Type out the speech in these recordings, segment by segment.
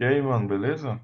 E aí, mano, beleza?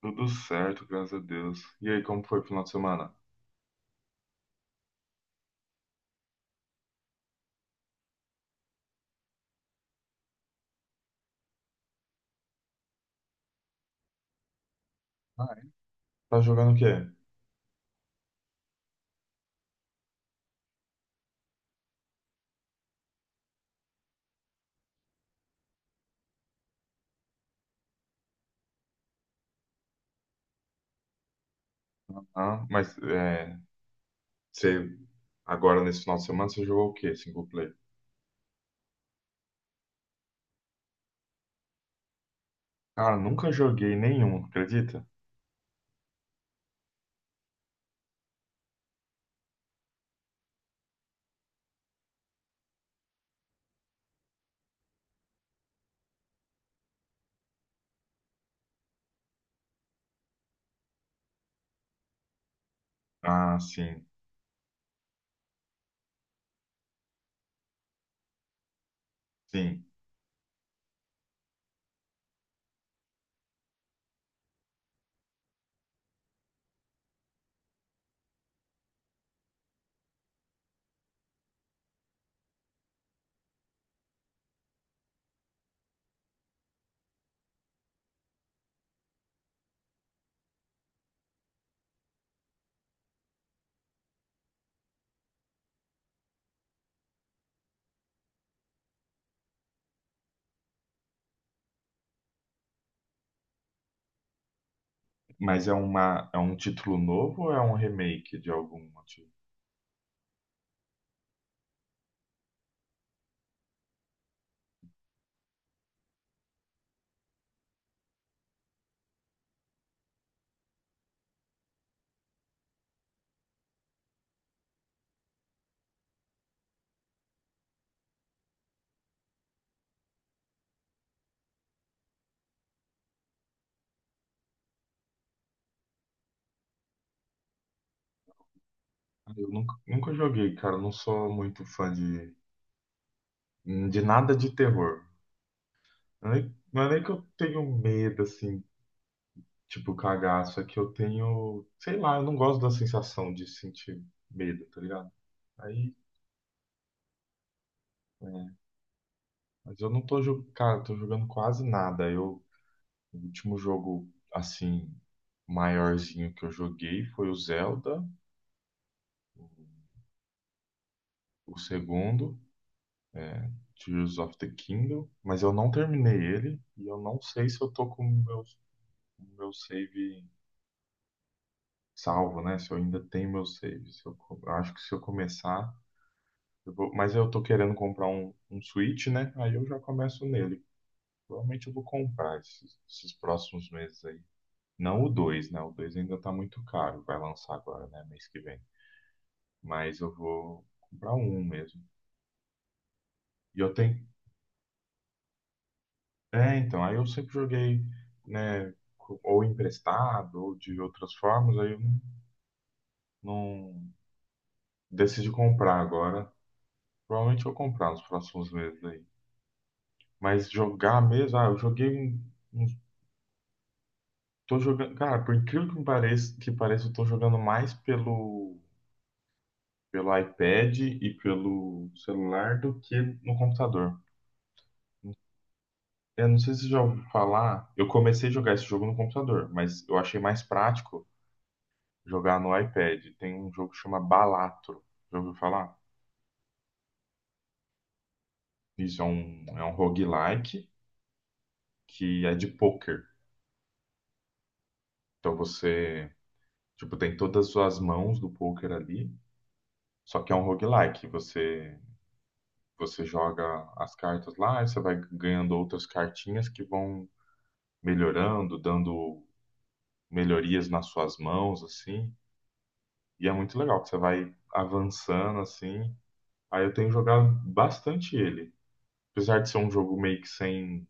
Tudo certo, graças a Deus. E aí, como foi o final de semana? Ah, é. Tá jogando o quê? Ah, mas é, você agora nesse final de semana você jogou o quê? Single player? Cara, nunca joguei nenhum, acredita? Ah, sim, sim. Mas é uma é um título novo ou é um remake de algum motivo? Ah, eu nunca joguei, cara. Eu não sou muito fã de nada de terror. Não é nem que eu tenho medo, assim. Tipo, cagaço é que eu tenho, sei lá, eu não gosto da sensação de sentir medo, tá ligado? Aí, é, mas eu não tô jogando, cara, eu tô jogando quase nada. O último jogo, assim, maiorzinho que eu joguei foi o Zelda, o, o segundo, é, Tears of the Kingdom, mas eu não terminei ele e eu não sei se eu tô com o meu save salvo, né? Se eu ainda tenho meu save. Se eu, co- Eu acho que se eu começar. Mas eu tô querendo comprar um Switch, né? Aí eu já começo nele. Provavelmente eu vou comprar esses próximos meses aí. Não o 2, né? O 2 ainda tá muito caro. Vai lançar agora, né? Mês que vem. Mas eu vou comprar um mesmo. E eu tenho. É, então. Aí eu sempre joguei, né? Ou emprestado, ou de outras formas. Aí eu não decidi comprar agora. Provavelmente eu vou comprar nos próximos meses aí. Mas jogar mesmo. Ah, eu joguei um. um Tô jogando, cara, por incrível que me pareça, eu tô jogando mais pelo iPad e pelo celular do que no computador. Eu não sei se você já ouviu falar, eu comecei a jogar esse jogo no computador, mas eu achei mais prático jogar no iPad. Tem um jogo que chama Balatro, já ouviu falar? Isso é um roguelike que é de poker. Então você, tipo, tem todas as suas mãos do poker ali, só que é um roguelike. Você joga as cartas lá e você vai ganhando outras cartinhas que vão melhorando, dando melhorias nas suas mãos, assim. E é muito legal que você vai avançando, assim. Aí eu tenho jogado bastante ele. Apesar de ser um jogo meio que sem,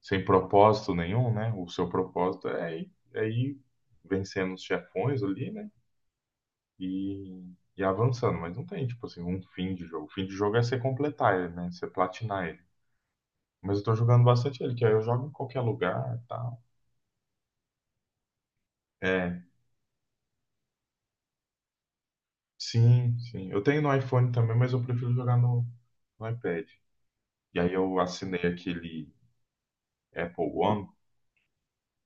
sem propósito nenhum, né? O seu propósito é ir vencendo os chefões ali, né? E, e avançando. Mas não tem, tipo assim, um fim de jogo. O fim de jogo é você completar ele, né? Você platinar ele. Mas eu tô jogando bastante ele, que aí eu jogo em qualquer lugar e tal. É, sim, sim. Eu tenho no iPhone também, mas eu prefiro jogar no iPad. E aí eu assinei aquele Apple One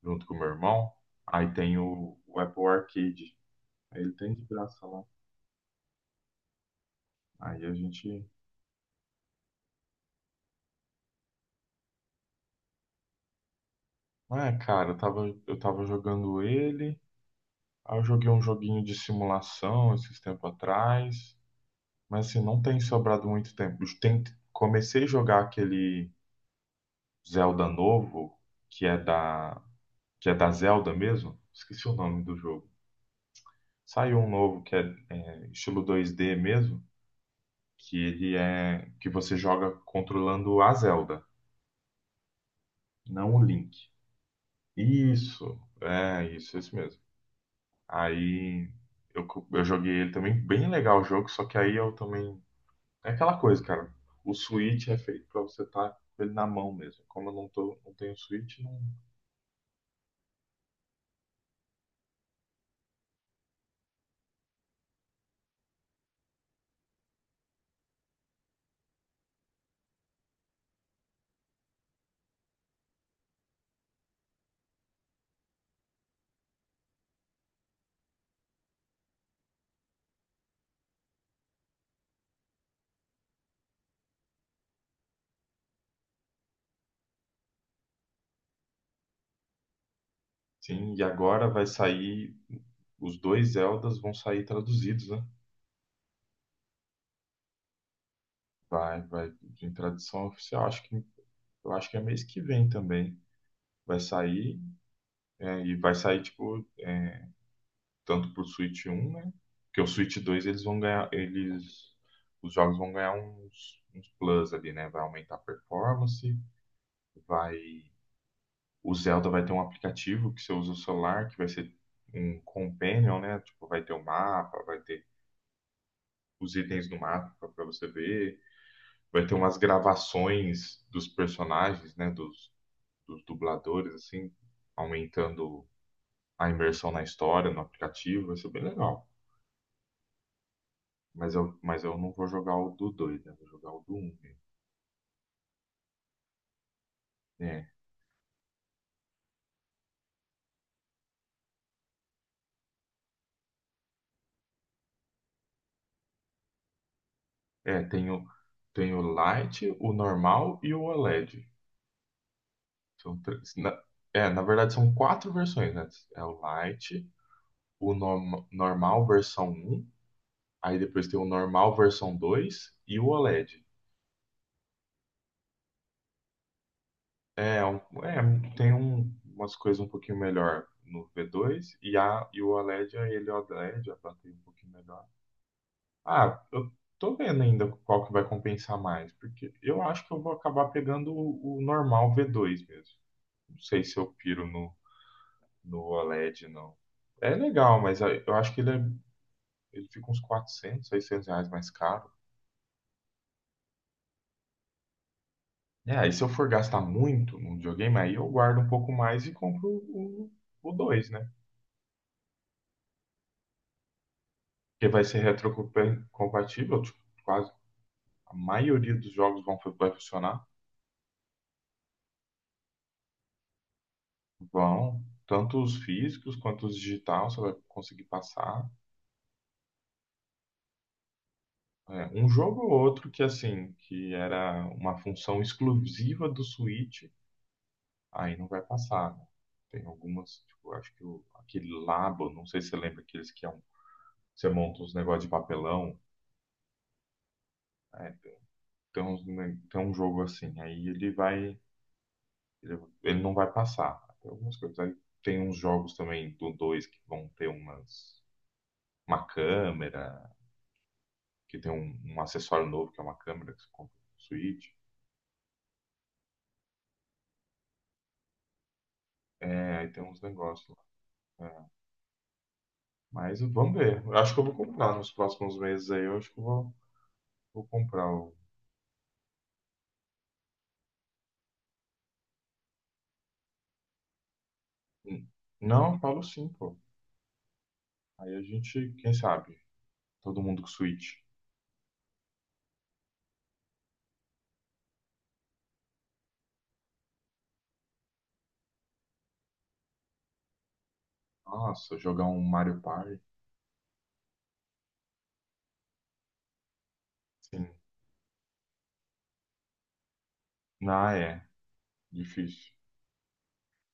junto com o meu irmão. Aí tem o Apple Arcade. Aí ele tem de graça lá. Aí a gente. É, cara, eu tava jogando ele. Aí eu joguei um joguinho de simulação esses tempos atrás. Mas assim, não tem sobrado muito tempo. Comecei a jogar aquele Zelda novo, que é da, que é da Zelda mesmo. Esqueci o nome do jogo. Saiu um novo que é, estilo 2D mesmo, que ele é que você joga controlando a Zelda, não o Link. Isso, é isso mesmo. Aí eu joguei ele também, bem legal o jogo, só que aí eu também. É aquela coisa, cara. O Switch é feito pra você estar com ele na mão mesmo. Como eu não tenho Switch, não. Sim, e agora vai sair, os dois Zeldas vão sair traduzidos, né? Vai em tradução oficial, eu acho que é mês que vem também. Vai sair, e vai sair, tipo, tanto pro Switch 1, né? Porque o Switch 2 eles vão ganhar, os jogos vão ganhar uns plus ali, né? Vai aumentar a performance. vai, o Zelda vai ter um aplicativo que você usa o celular, que vai ser um companion, né? Tipo, vai ter o mapa, vai ter os itens do mapa para você ver. Vai ter umas gravações dos personagens, né? Dos dubladores, assim, aumentando a imersão na história, no aplicativo. Vai ser bem legal. Mas eu não vou jogar o do dois, né? Vou jogar o do um, né? É, é, tem o, tem o Lite, o normal e o OLED. São três. Na verdade são quatro versões, né? É o Lite, o normal versão um, aí depois tem o normal versão 2 e o OLED. É, um- é, Tem umas coisas um pouquinho melhor no V2 e o OLED, ele é OLED, a bateria um pouquinho melhor. Ah, eu tô vendo ainda qual que vai compensar mais, porque eu acho que eu vou acabar pegando o normal V2 mesmo. Não sei se eu piro no OLED, não. É legal, mas aí eu acho que ele fica uns 400, 600 reais mais caro. É, aí se eu for gastar muito num videogame, aí eu guardo um pouco mais e compro o 2, né? Que vai ser retrocompatível, tipo, quase a maioria dos jogos vão, vai funcionar, vão, tanto os físicos quanto os digitais, você vai conseguir passar. É, um jogo ou outro que, assim, que era uma função exclusiva do Switch, aí não vai passar, né? Tem algumas, tipo, acho que o, aquele Labo, não sei se você lembra aqueles que é um, você monta uns negócios de papelão, é, tem, tem um jogo assim, aí Ele, ele não vai passar. Tem algumas coisas. Aí tem uns jogos também do 2 que vão ter umas, uma câmera, que tem um acessório novo, que é uma câmera que você compra no Switch. É, aí tem uns negócios lá. É, mas vamos ver. Eu acho que eu vou comprar nos próximos meses aí. Eu acho que eu vou comprar o. Hum. Não, falo sim, pô. Aí a gente, quem sabe? Todo mundo com Switch. Nossa, jogar um Mario Party. Sim. Ah, é. Difícil.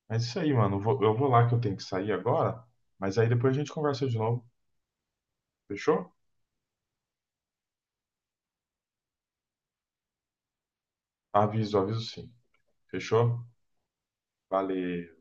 Mas isso aí, mano. Eu vou lá que eu tenho que sair agora, mas aí depois a gente conversa de novo. Fechou? Aviso, aviso sim. Fechou? Valeu.